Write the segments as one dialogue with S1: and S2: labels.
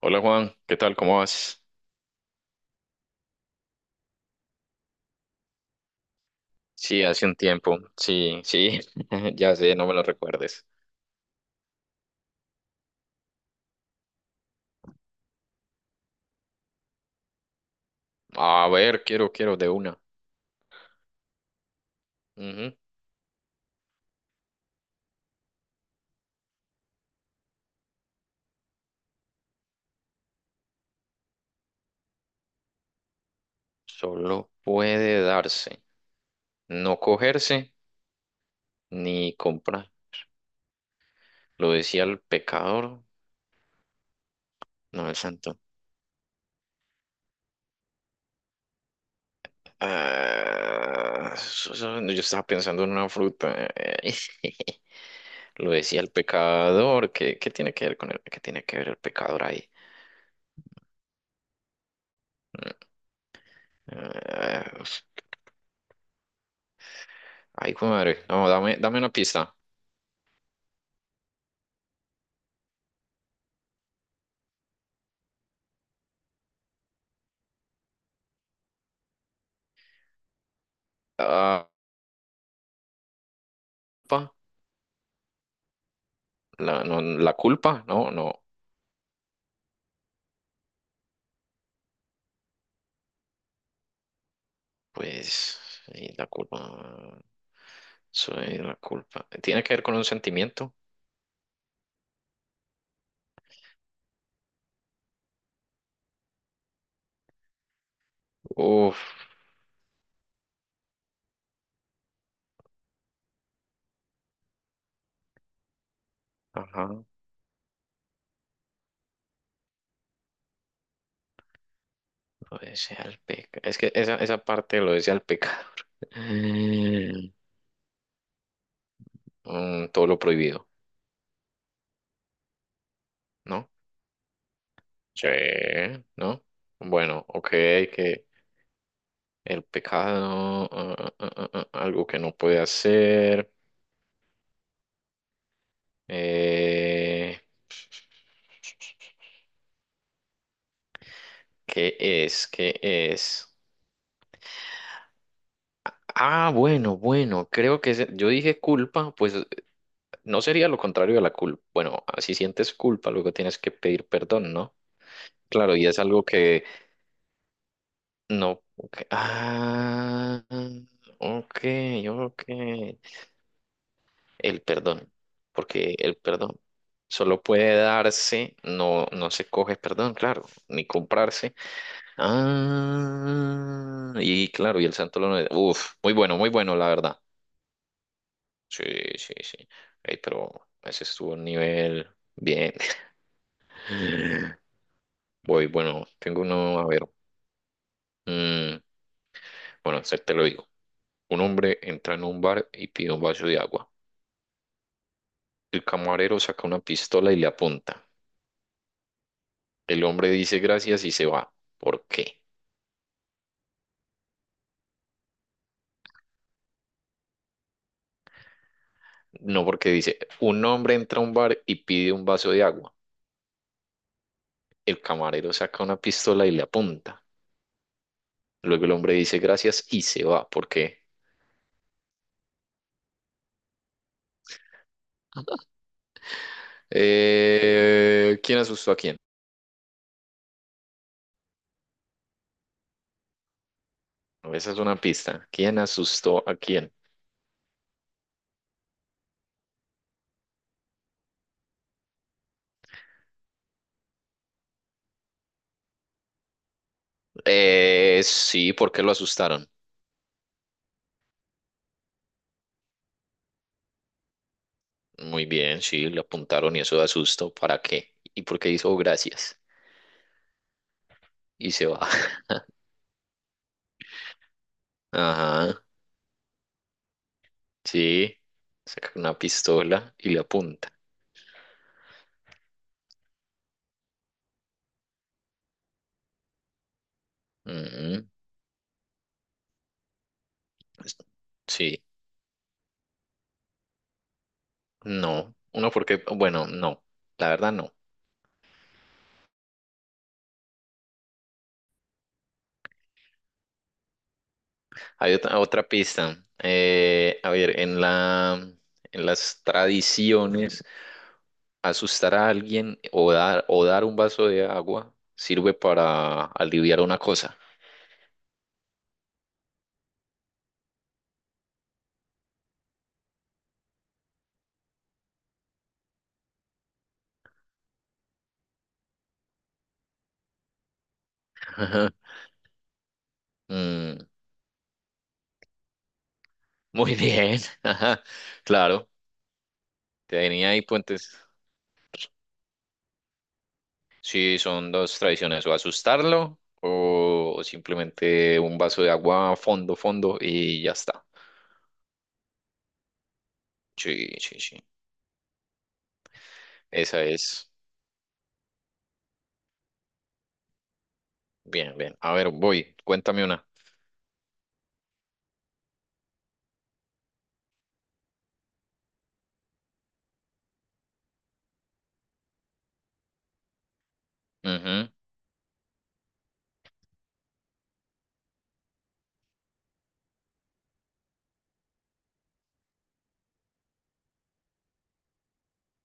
S1: Hola Juan, ¿qué tal? ¿Cómo vas? Sí, hace un tiempo. Sí, sí, ya sé, no me lo recuerdes. A ver, quiero de una. Ujú. Solo puede darse, no cogerse ni comprar. Lo decía el pecador, no el santo. Ah, yo estaba pensando en una fruta. Lo decía el pecador. ¿Qué, qué tiene que ver qué tiene que ver el pecador ahí? Mm, Ah, ay, hijo de madre. No, dame una pista. La culpa. La culpa, no, no, pues y la culpa, soy la culpa. ¿Tiene que ver con un sentimiento? Uf, ajá, lo desea el pecado. Es que esa parte lo desea el pecador. Mm, todo lo prohibido, ¿no? Sí, ¿no? Bueno, ok, que el pecado. Algo que no puede hacer. eh, ¿Qué es? ¿Qué es? Ah, bueno, bueno, creo que yo dije culpa. No sería lo contrario de la culpa. Bueno, si sientes culpa, luego tienes que pedir perdón, ¿no? Claro, y es algo que no. Ok. Ok, ok. El perdón, porque el perdón solo puede darse, no, no se coge perdón, claro, ni comprarse. Ah, y claro, y el santo lo. Uf, muy bueno, muy bueno, la verdad. Sí, sí, sí. Ey, pero ese estuvo un nivel bien. Voy, bueno, tengo uno, a ver. Mm, bueno, este te lo digo. Un hombre entra en un bar y pide un vaso de agua. El camarero saca una pistola y le apunta. El hombre dice gracias y se va. ¿Por qué? No, porque dice, un hombre entra a un bar y pide un vaso de agua. El camarero saca una pistola y le apunta. Luego el hombre dice gracias y se va. ¿Por qué? ¿Quién asustó a quién? No, esa es una pista. ¿Quién asustó a quién? Sí, ¿por qué lo asustaron? Muy bien, sí, le apuntaron y eso de asusto. ¿Para qué? ¿Y por qué hizo gracias? Y se va. Ajá, sí. Saca una pistola y le apunta. Ujú. Es- Sí, no. Uno porque, bueno, no. La verdad no. Hay otra, otra pista. A ver, en las tradiciones. Asustar a alguien o dar un vaso de agua sirve para aliviar una cosa. Ajá. Mm, muy bien. Ajá. Claro, tenía ahí puentes. Sí, son dos tradiciones, o asustarlo o simplemente un vaso de agua a fondo, fondo y ya está. Sí, sí, sí. Esa es. Bien, bien. A ver, voy. Cuéntame una. Ujú.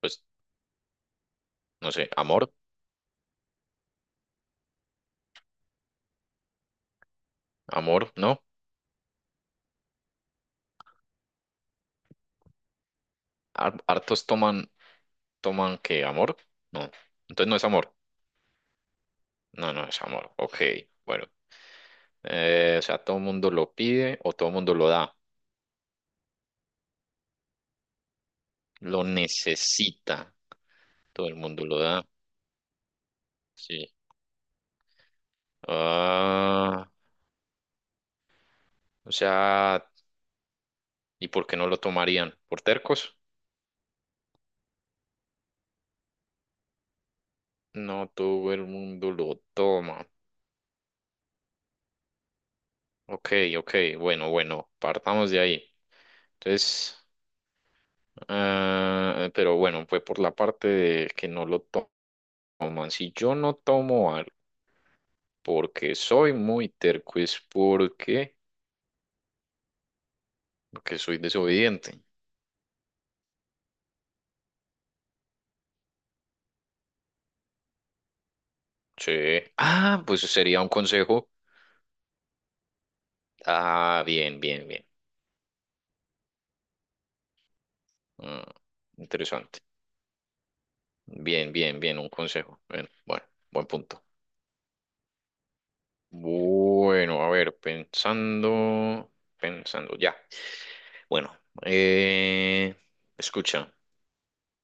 S1: Pues, no sé, amor, ¿no? Har- Hartos toman toman que amor. No. Entonces no es amor. No, no es amor. Ok, bueno. O sea, todo el mundo lo pide o todo el mundo lo da. Lo necesita. Todo el mundo lo da. Sí. Ah, o sea, ¿y por qué no lo tomarían? ¿Por tercos? No, todo el mundo lo toma. Ok, ok, bueno, bueno, partamos de ahí. Entonces, ah, pero bueno, fue por la parte de que no lo toman. Si yo no tomo algo, porque soy muy terco, es porque, porque soy desobediente. Sí. Ah, pues sería un consejo. Ah, bien, bien, bien. Mm, interesante. Bien, bien, bien, un consejo. Bien, bueno, buen punto. Bueno, a ver, pensando, pensando, ya. Bueno, eh, escucha,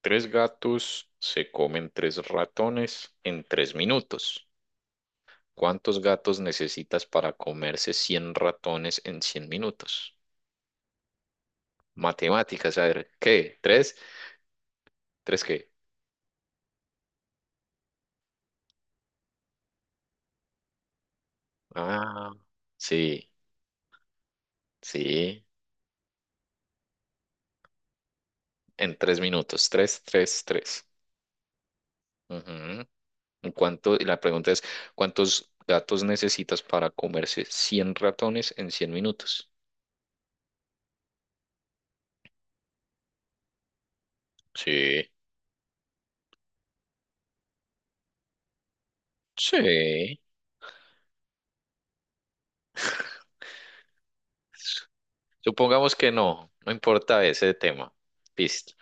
S1: tres gatos se comen tres ratones en tres minutos. ¿Cuántos gatos necesitas para comerse 100 ratones en 100 minutos? Matemáticas, a ver, ¿qué? ¿Tres? ¿Tres qué? Ah, sí, sí, en tres minutos. Tres, tres, tres. Ujú. Y la pregunta es, ¿cuántos gatos necesitas para comerse 100 ratones en 100 minutos? Sí, sí. Supongamos que no, no importa ese tema. Listo.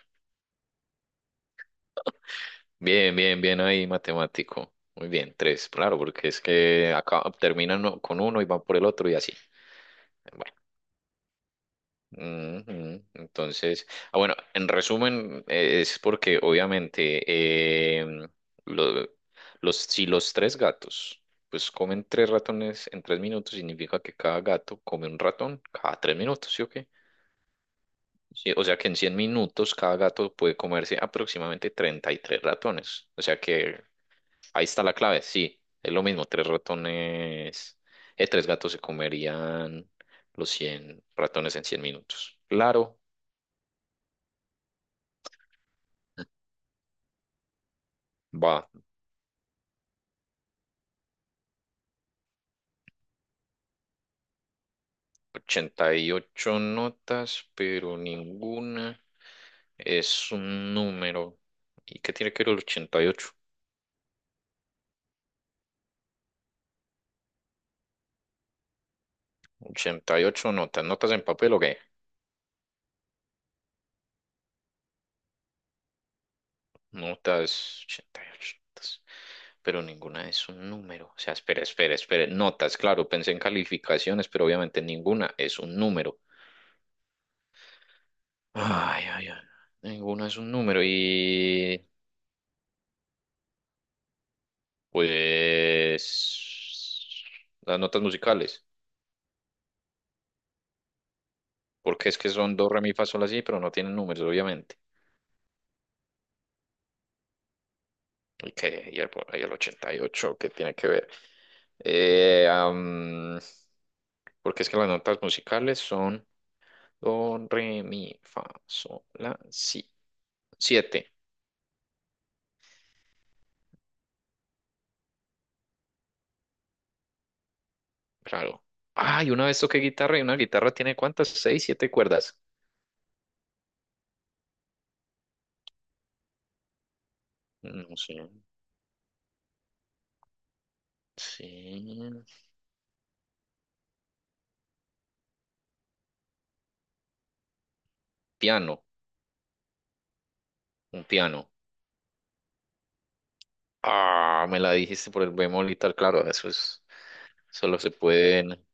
S1: Bien, bien, bien ahí, matemático. Muy bien, tres, claro, porque es que acá terminan con uno y van por el otro y así. Bueno, ujú, entonces, ah, bueno, en resumen, es porque obviamente em, lo- los, si los tres gatos pues comen tres ratones en tres minutos, significa que cada gato come un ratón cada tres minutos, ¿sí o qué? Sí, o sea que en 100 minutos cada gato puede comerse aproximadamente 33 ratones. O sea que ahí está la clave, sí, es lo mismo, tres ratones, tres gatos se comerían los 100 ratones en 100 minutos. Claro, va, 88 notas, pero ninguna es un número. ¿Y qué tiene que ver el 88? ¿Ochenta y ocho notas, notas en papel o qué? Notas, 88 notas, pero ninguna es un número. O sea, espera, espera, espera, notas, claro, pensé en calificaciones, pero obviamente ninguna es un número. Ay, ay, ay. Ninguno es un número. Y pues las notas musicales. Porque es que son do, re, mi, fa, sol, así, pero no tienen números, obviamente. Y el 88, ¿qué tiene que ver? Eh, am, porque es que las notas musicales son do, re, mi, fa, sol, la, si. Siete, claro. Ay, una vez toqué guitarra y una guitarra tiene ¿cuántas? Seis, siete cuerdas. No sé. Sí. Piano, un piano. Ah, me la dijiste por el bemol y tal, claro, eso es, solo se pueden,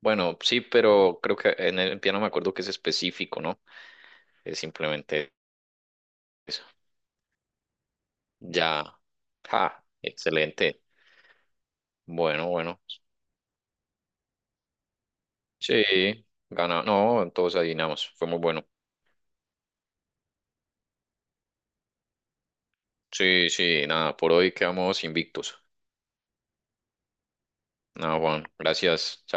S1: bueno, sí, pero creo que en el piano me acuerdo que es específico, ¿no? Es simplemente eso. Ya, ja, excelente. Bueno, bueno, sí, gana, no, entonces adivinamos, fue muy bueno. Sí, sí, nada, por hoy quedamos invictos. Nada, Juan, gracias.